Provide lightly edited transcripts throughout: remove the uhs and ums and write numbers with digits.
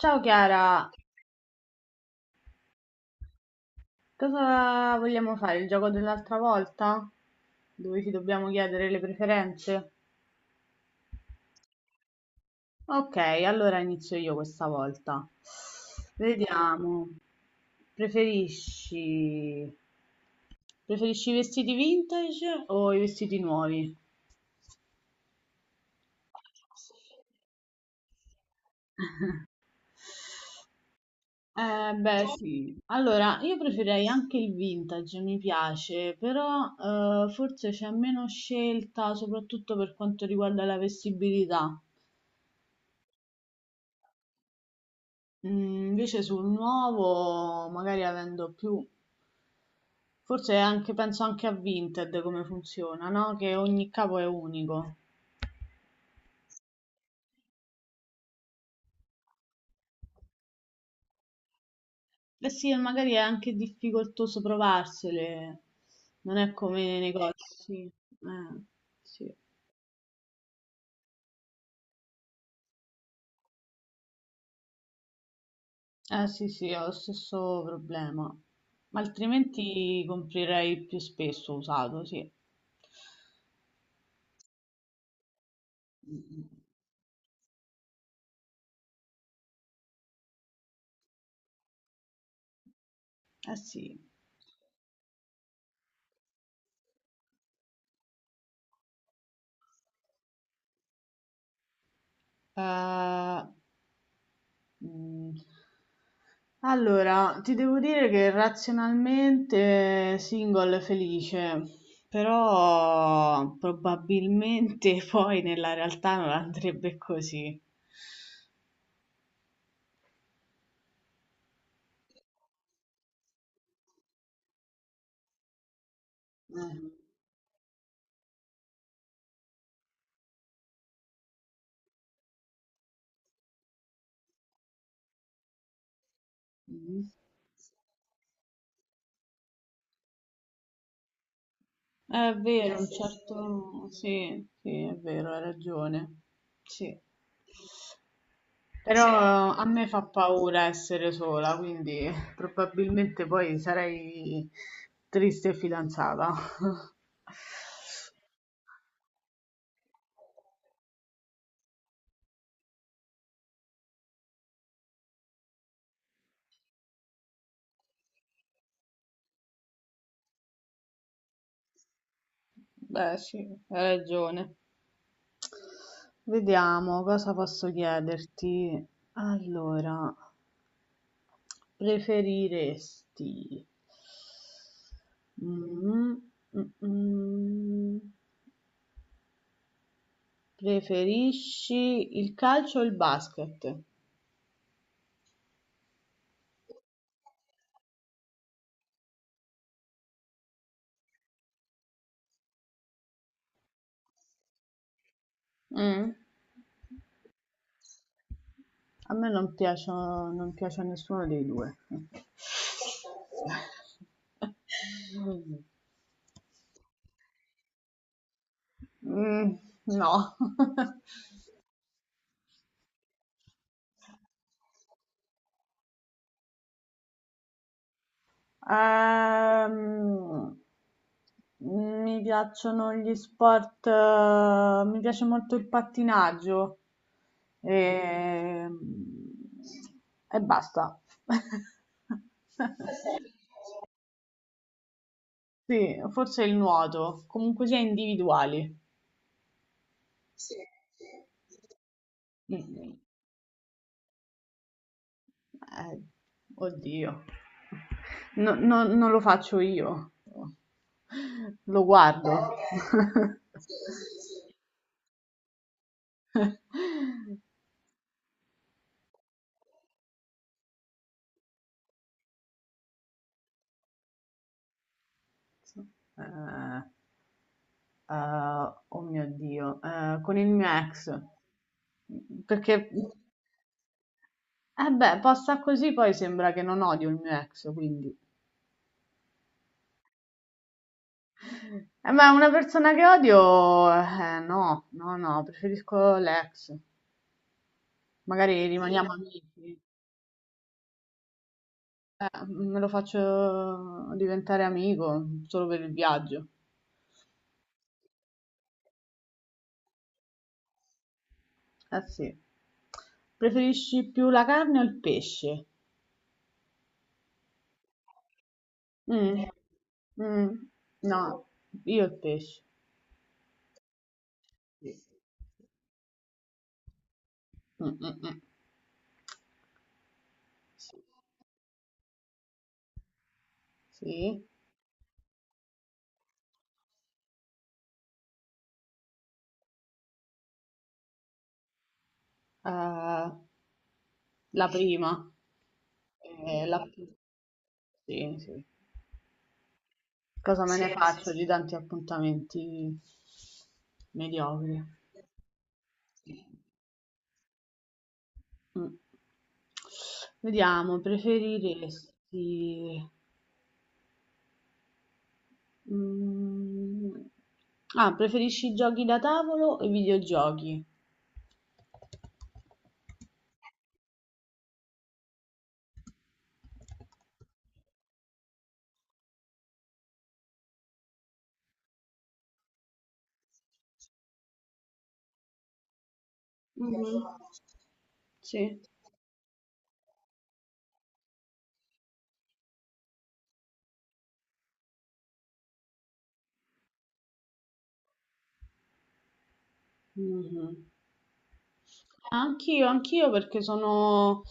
Ciao Chiara, cosa vogliamo fare? Il gioco dell'altra volta? Dove ci dobbiamo chiedere le preferenze? Ok, allora inizio io questa volta. Vediamo. Preferisci... Preferisci i vestiti vintage o i vestiti nuovi? Beh, sì. Allora, io preferirei anche il vintage, mi piace, però forse c'è meno scelta, soprattutto per quanto riguarda la vestibilità. Invece sul nuovo, magari avendo più, forse anche, penso anche a Vinted come funziona, no? Che ogni capo è unico. Eh sì, e magari è anche difficoltoso provarsele, non è come nei negozi. Sì. Eh, sì. Eh sì, sì, ho lo stesso problema. Ma altrimenti comprerei più spesso usato, sì. Mm, eh sì. Eh, mm. Allora, ti devo dire che razionalmente single è felice, però probabilmente poi nella realtà non andrebbe così. Eh. Mhm. È vero, un sì, certo... Sì, sì, è vero, hai ragione. Sì. Sì. Però. Sì. A me fa paura essere sola, quindi probabilmente poi sarei triste e fidanzata. Beh, sì, hai ragione. Vediamo cosa posso chiederti. Allora, preferiresti... Mm, mm, mm. Preferisci il calcio o il basket? Mm. A me non piacciono, non piace a nessuno dei due. Mm, no. Ehm, Mi piacciono gli sport, mi piace molto il pattinaggio e, e basta. Sì, forse il nuoto, comunque sia individuali. Mm, eh, Oddio, non lo faccio io, lo guardo. Eh, oh mio Dio, con il mio ex, perché, eh beh, posta così poi sembra che non odio il mio ex, quindi. Ma una persona che odio, no, no, no, preferisco l'ex. Magari, sì, rimaniamo amici. Me lo faccio diventare amico solo per il viaggio. Eh sì. Preferisci più la carne o il pesce? Mm, eh, mm, no, no, io il pesce. Mm, mm, mm. Sì, sì, eh, la prima. eh, la- Sì, sì. Cosa me ne, sì, faccio di tanti appuntamenti mediocri? Mh. Vediamo, mhmm, preferisci i giochi da tavolo o i videogiochi? Sì. Mh-mh. Anch'io, anch'io perché sono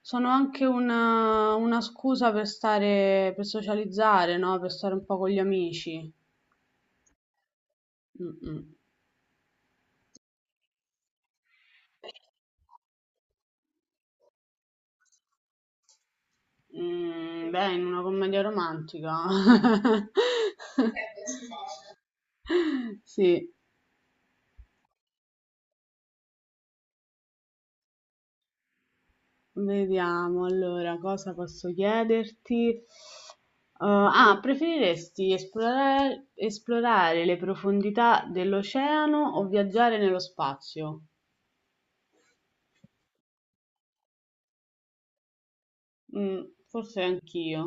sono anche una scusa per stare per socializzare, no, per stare un po' con gli amici. Mh-mh. Mhmm, beh, in una commedia romantica. Sì. Vediamo, allora, cosa posso chiederti? Uhm, ah, preferiresti esplorare le profondità dell'oceano o viaggiare nello spazio? Mm, forse anch'io.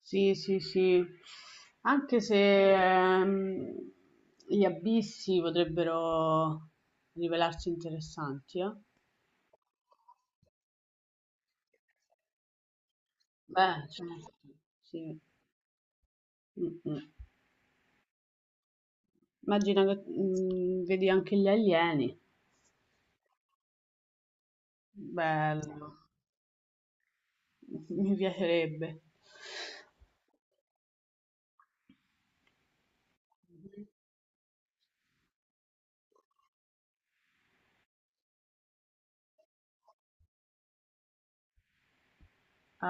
Sì, sì, sì. Anche se gli abissi potrebbero rivelarsi interessanti, eh? Beh, certo. Sì. Mm, mm. Immagina che vedi anche gli alieni. Bello. Mi piacerebbe. Mhm.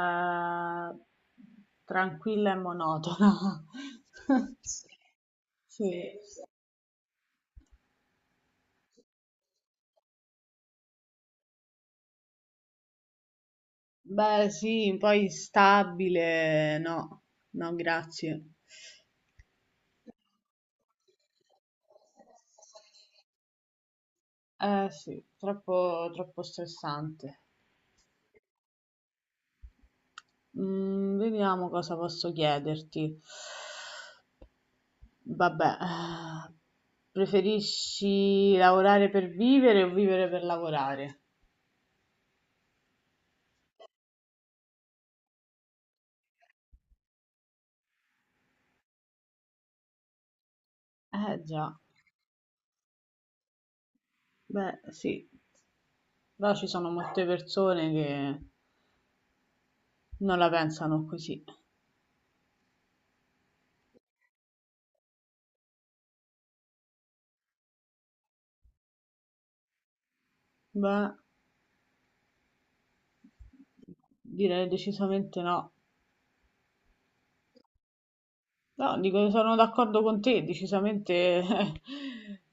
Ah, tranquilla e monotona. Sì, sì. Beh, sì, poi stabile, no, no, grazie. Eh sì, troppo, troppo stressante. Mm, vediamo cosa posso chiederti. Vabbè, preferisci lavorare per vivere o vivere per lavorare? Eh già, beh sì. Però ci sono molte persone che non la pensano così. Beh, direi decisamente no. No, dico, sono d'accordo con te, decisamente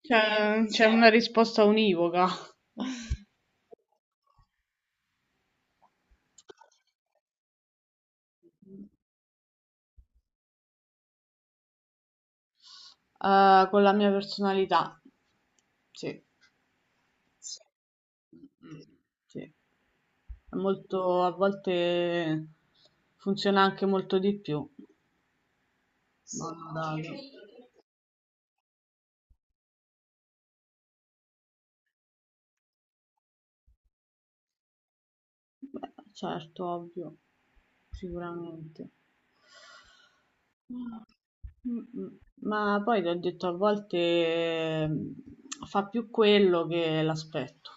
c'è una risposta univoca, con la mia personalità. Sì. Sì. È molto, a volte funziona anche molto di più. Ma non da- Beh, certo, ovvio, sicuramente. Ma m- ma poi ti ho detto, a volte fa più quello che l'aspetto,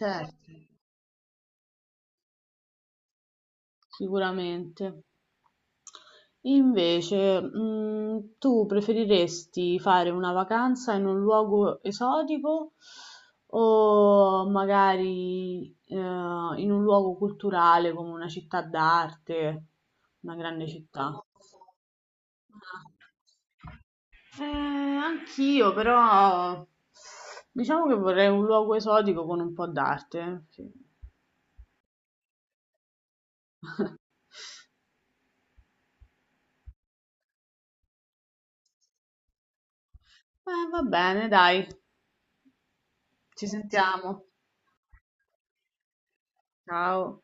certo, sicuramente. Invece, tu preferiresti fare una vacanza in un luogo esotico o magari in un luogo culturale come una città d'arte, una grande città? Anch'io, però diciamo che vorrei un luogo esotico con un po' d'arte. Sì. Va bene, dai, ci sentiamo. Ciao.